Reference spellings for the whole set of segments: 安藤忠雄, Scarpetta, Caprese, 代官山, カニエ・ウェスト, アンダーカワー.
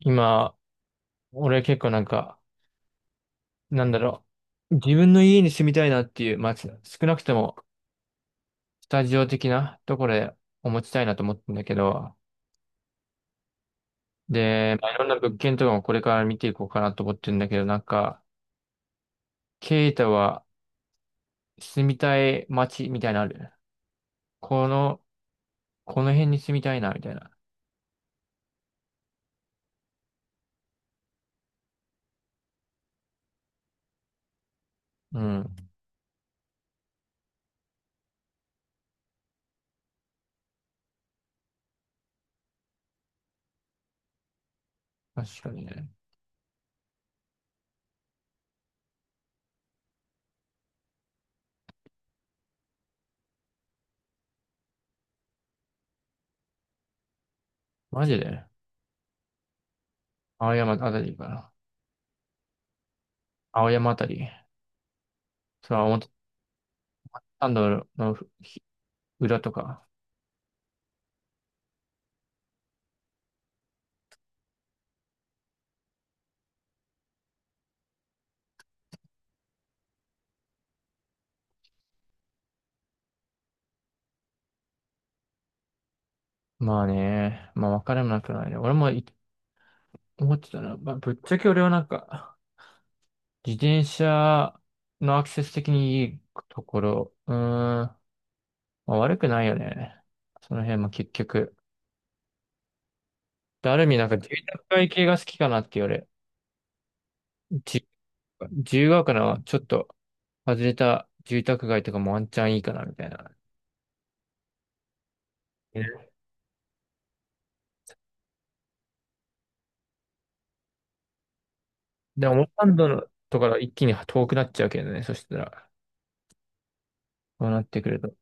今、俺結構なんか、なんだろう。自分の家に住みたいなっていう、まあ、少なくとも、スタジオ的なところでお持ちたいなと思ってんだけど、で、まあ、いろんな物件とかもこれから見ていこうかなと思ってるんだけど、なんか、ケイタは住みたい街みたいなのある？この、この辺に住みたいな、みたいな。うん。確かにね。マジで青山あたりかな。青山あたり。それは表参道のひ裏とか。まあね、まあ分からなくないね。俺も思ってたな。まあ、ぶっちゃけ俺はなんか、自転車のアクセス的にいいところ、まあ、悪くないよね。その辺も結局。で、ある意味なんか住宅街系が好きかなって言われ。じ自由が丘のちょっと外れた住宅街とかもワンチャンいいかなみたいな。ね。でも、オーランドのとかが一気に遠くなっちゃうけどね。そしたら、こうなってくると。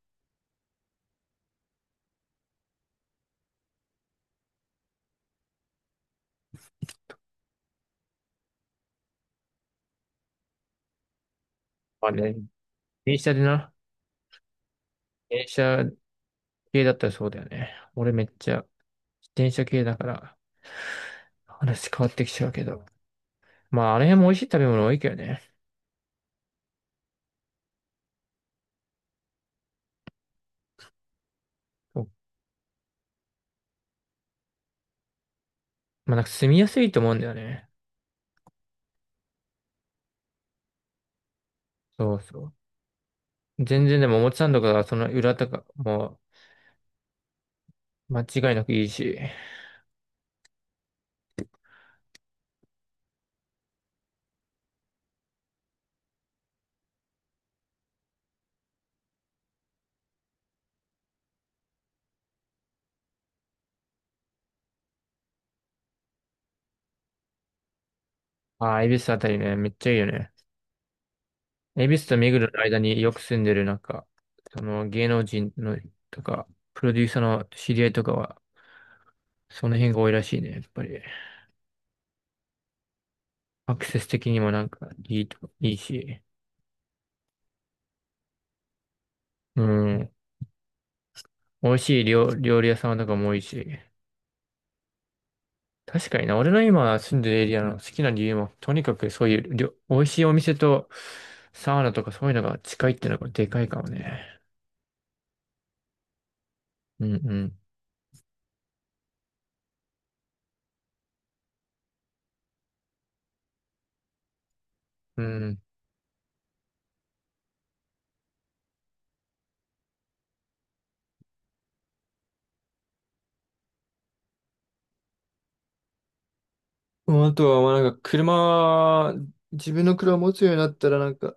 まあね、電車でな。電車系だったらそうだよね。俺めっちゃ自転車系だから話変わってきちゃうけど。まああれも美味しい食べ物多いけどね。おまあなんか住みやすいと思うんだよね。そうそう。全然でも表参道からその裏とかもう間違いなくいいし。ああ、恵比寿あたりね、めっちゃいいよね。恵比寿と目黒の間によく住んでるなんか、その芸能人のとか、プロデューサーの知り合いとかは、その辺が多いらしいね、やっぱり。アクセス的にもなんかいいと、いいし。うん。美味しい料理屋さんとかも多いし。確かにな、俺の今住んでるエリアの好きな理由も、とにかくそういう美味しいお店とサウナとかそういうのが近いってのがでかいかもね。うんうん。うん。もうあとは、まあ、なんか車、自分の車を持つようになったら、なんか、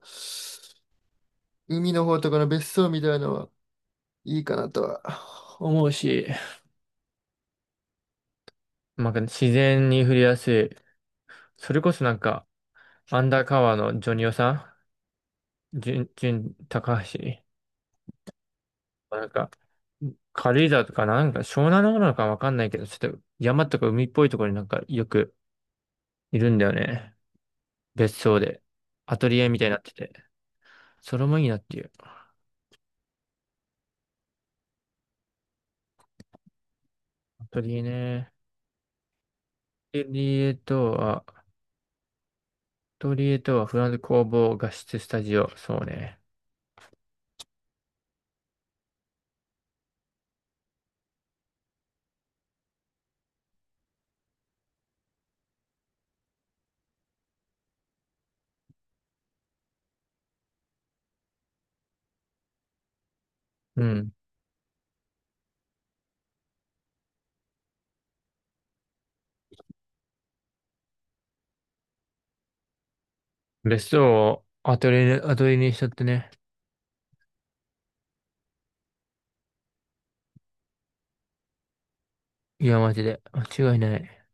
海の方とかの別荘みたいなのはいいかなとは思うし。なんか自然に触れやすい。それこそなんか、アンダーカワーのジョニオさん、ジュン、高橋。なんか、軽井沢とかなんか湘南の方なのかわかんないけど、ちょっと山とか海っぽいところになんかよくいるんだよね。別荘で。アトリエみたいになってて。それもいいなっていう。アトリエね。アトリエとはフランス工房画質スタジオ。そうね。うん。別荘をアトリエにしちゃってね。いや、マジで。間違いない。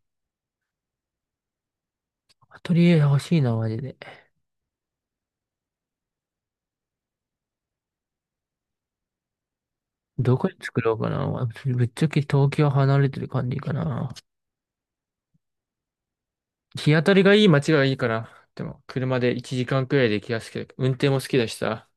アトリエ欲しいな、マジで。どこに作ろうかな。ぶっちゃけ東京離れてる感じかな。日当たりがいい街がいいから、でも車で1時間くらいで行きやすくて、運転も好きだしさ。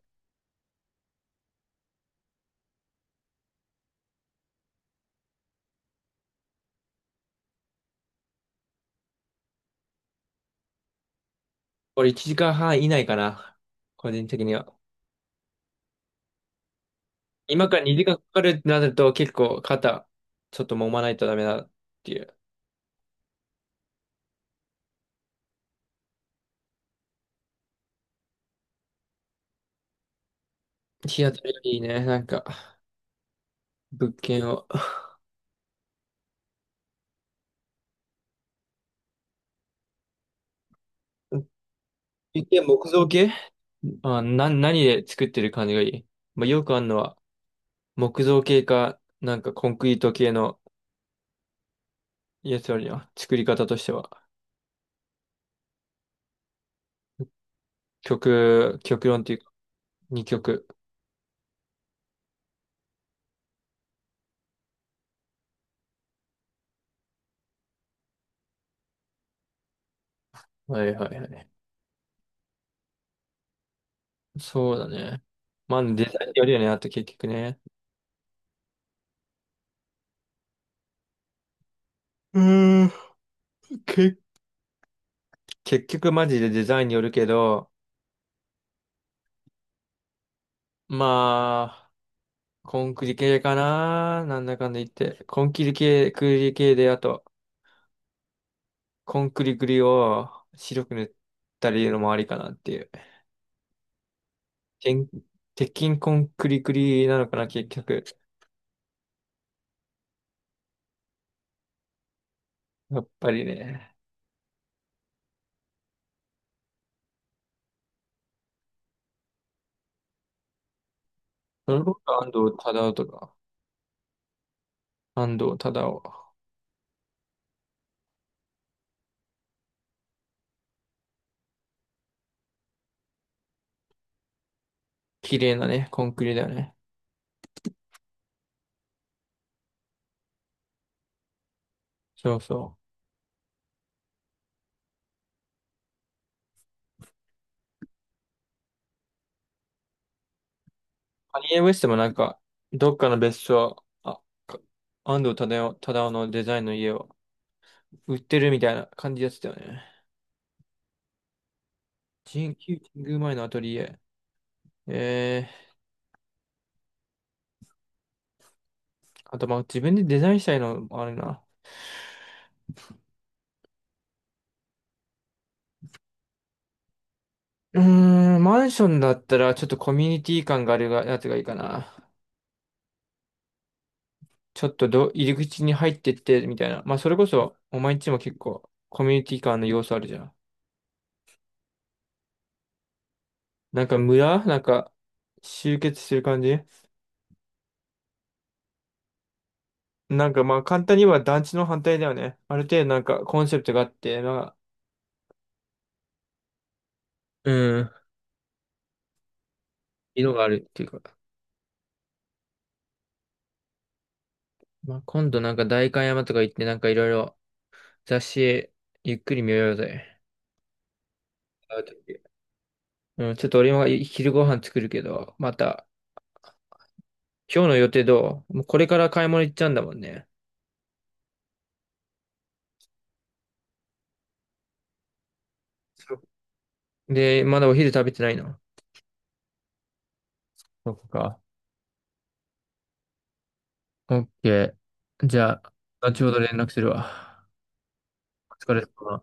俺1時間半以内かな。個人的には。今から2時間かかるってなると結構肩、ちょっと揉まないとダメだっていう。日当たりがいいね。なんか、物件を。一見木造系何で作ってる感じがいい。まあ、よくあるのは、木造系か、なんかコンクリート系のやつよりは、作り方としては、極論っていうか、二極。はいはいはい。そうだね。まあ、デザインによるよね、あと結局ね。うーん。け、結局マジでデザインによるけど、まあ、コンクリ系かな、なんだかんだ言って。コンクリ系で、あと、コンクリグリを白く塗ったりのもありかなっていう。てん鉄筋コンクリグリなのかな、結局。やっぱりね。その僕は安藤忠雄とか、安藤忠雄。綺麗なね、コンクリだよね。そうそう。カニエ・ウェストもなんか、どっかの別荘、あ、か安藤忠雄のデザインの家を売ってるみたいな感じやつだよね。神宮前のアトリエ。えあとまあ自分でデザインしたいのもあるな。うーん、マンションだったらちょっとコミュニティ感があるがやつがいいかな。ちょっと入り口に入ってってみたいな。まあそれこそ、お前んちも結構コミュニティ感の要素あるじゃん。なんか村なんか集結する感じ。なんかまあ簡単には団地の反対だよね。ある程度なんかコンセプトがあって、まあ、うん。色があるっていうか。まあ、今度なんか代官山とか行ってなんかいろいろ雑誌ゆっくり見ようぜ。会う時。うん、ちょっと俺も昼ご飯作るけど、また、今日の予定どう？もうこれから買い物行っちゃうんだもんね。そうで、まだお昼食べてないの？そっか。オッケー。じゃあ、後ほど連絡するわ。お疲れ様。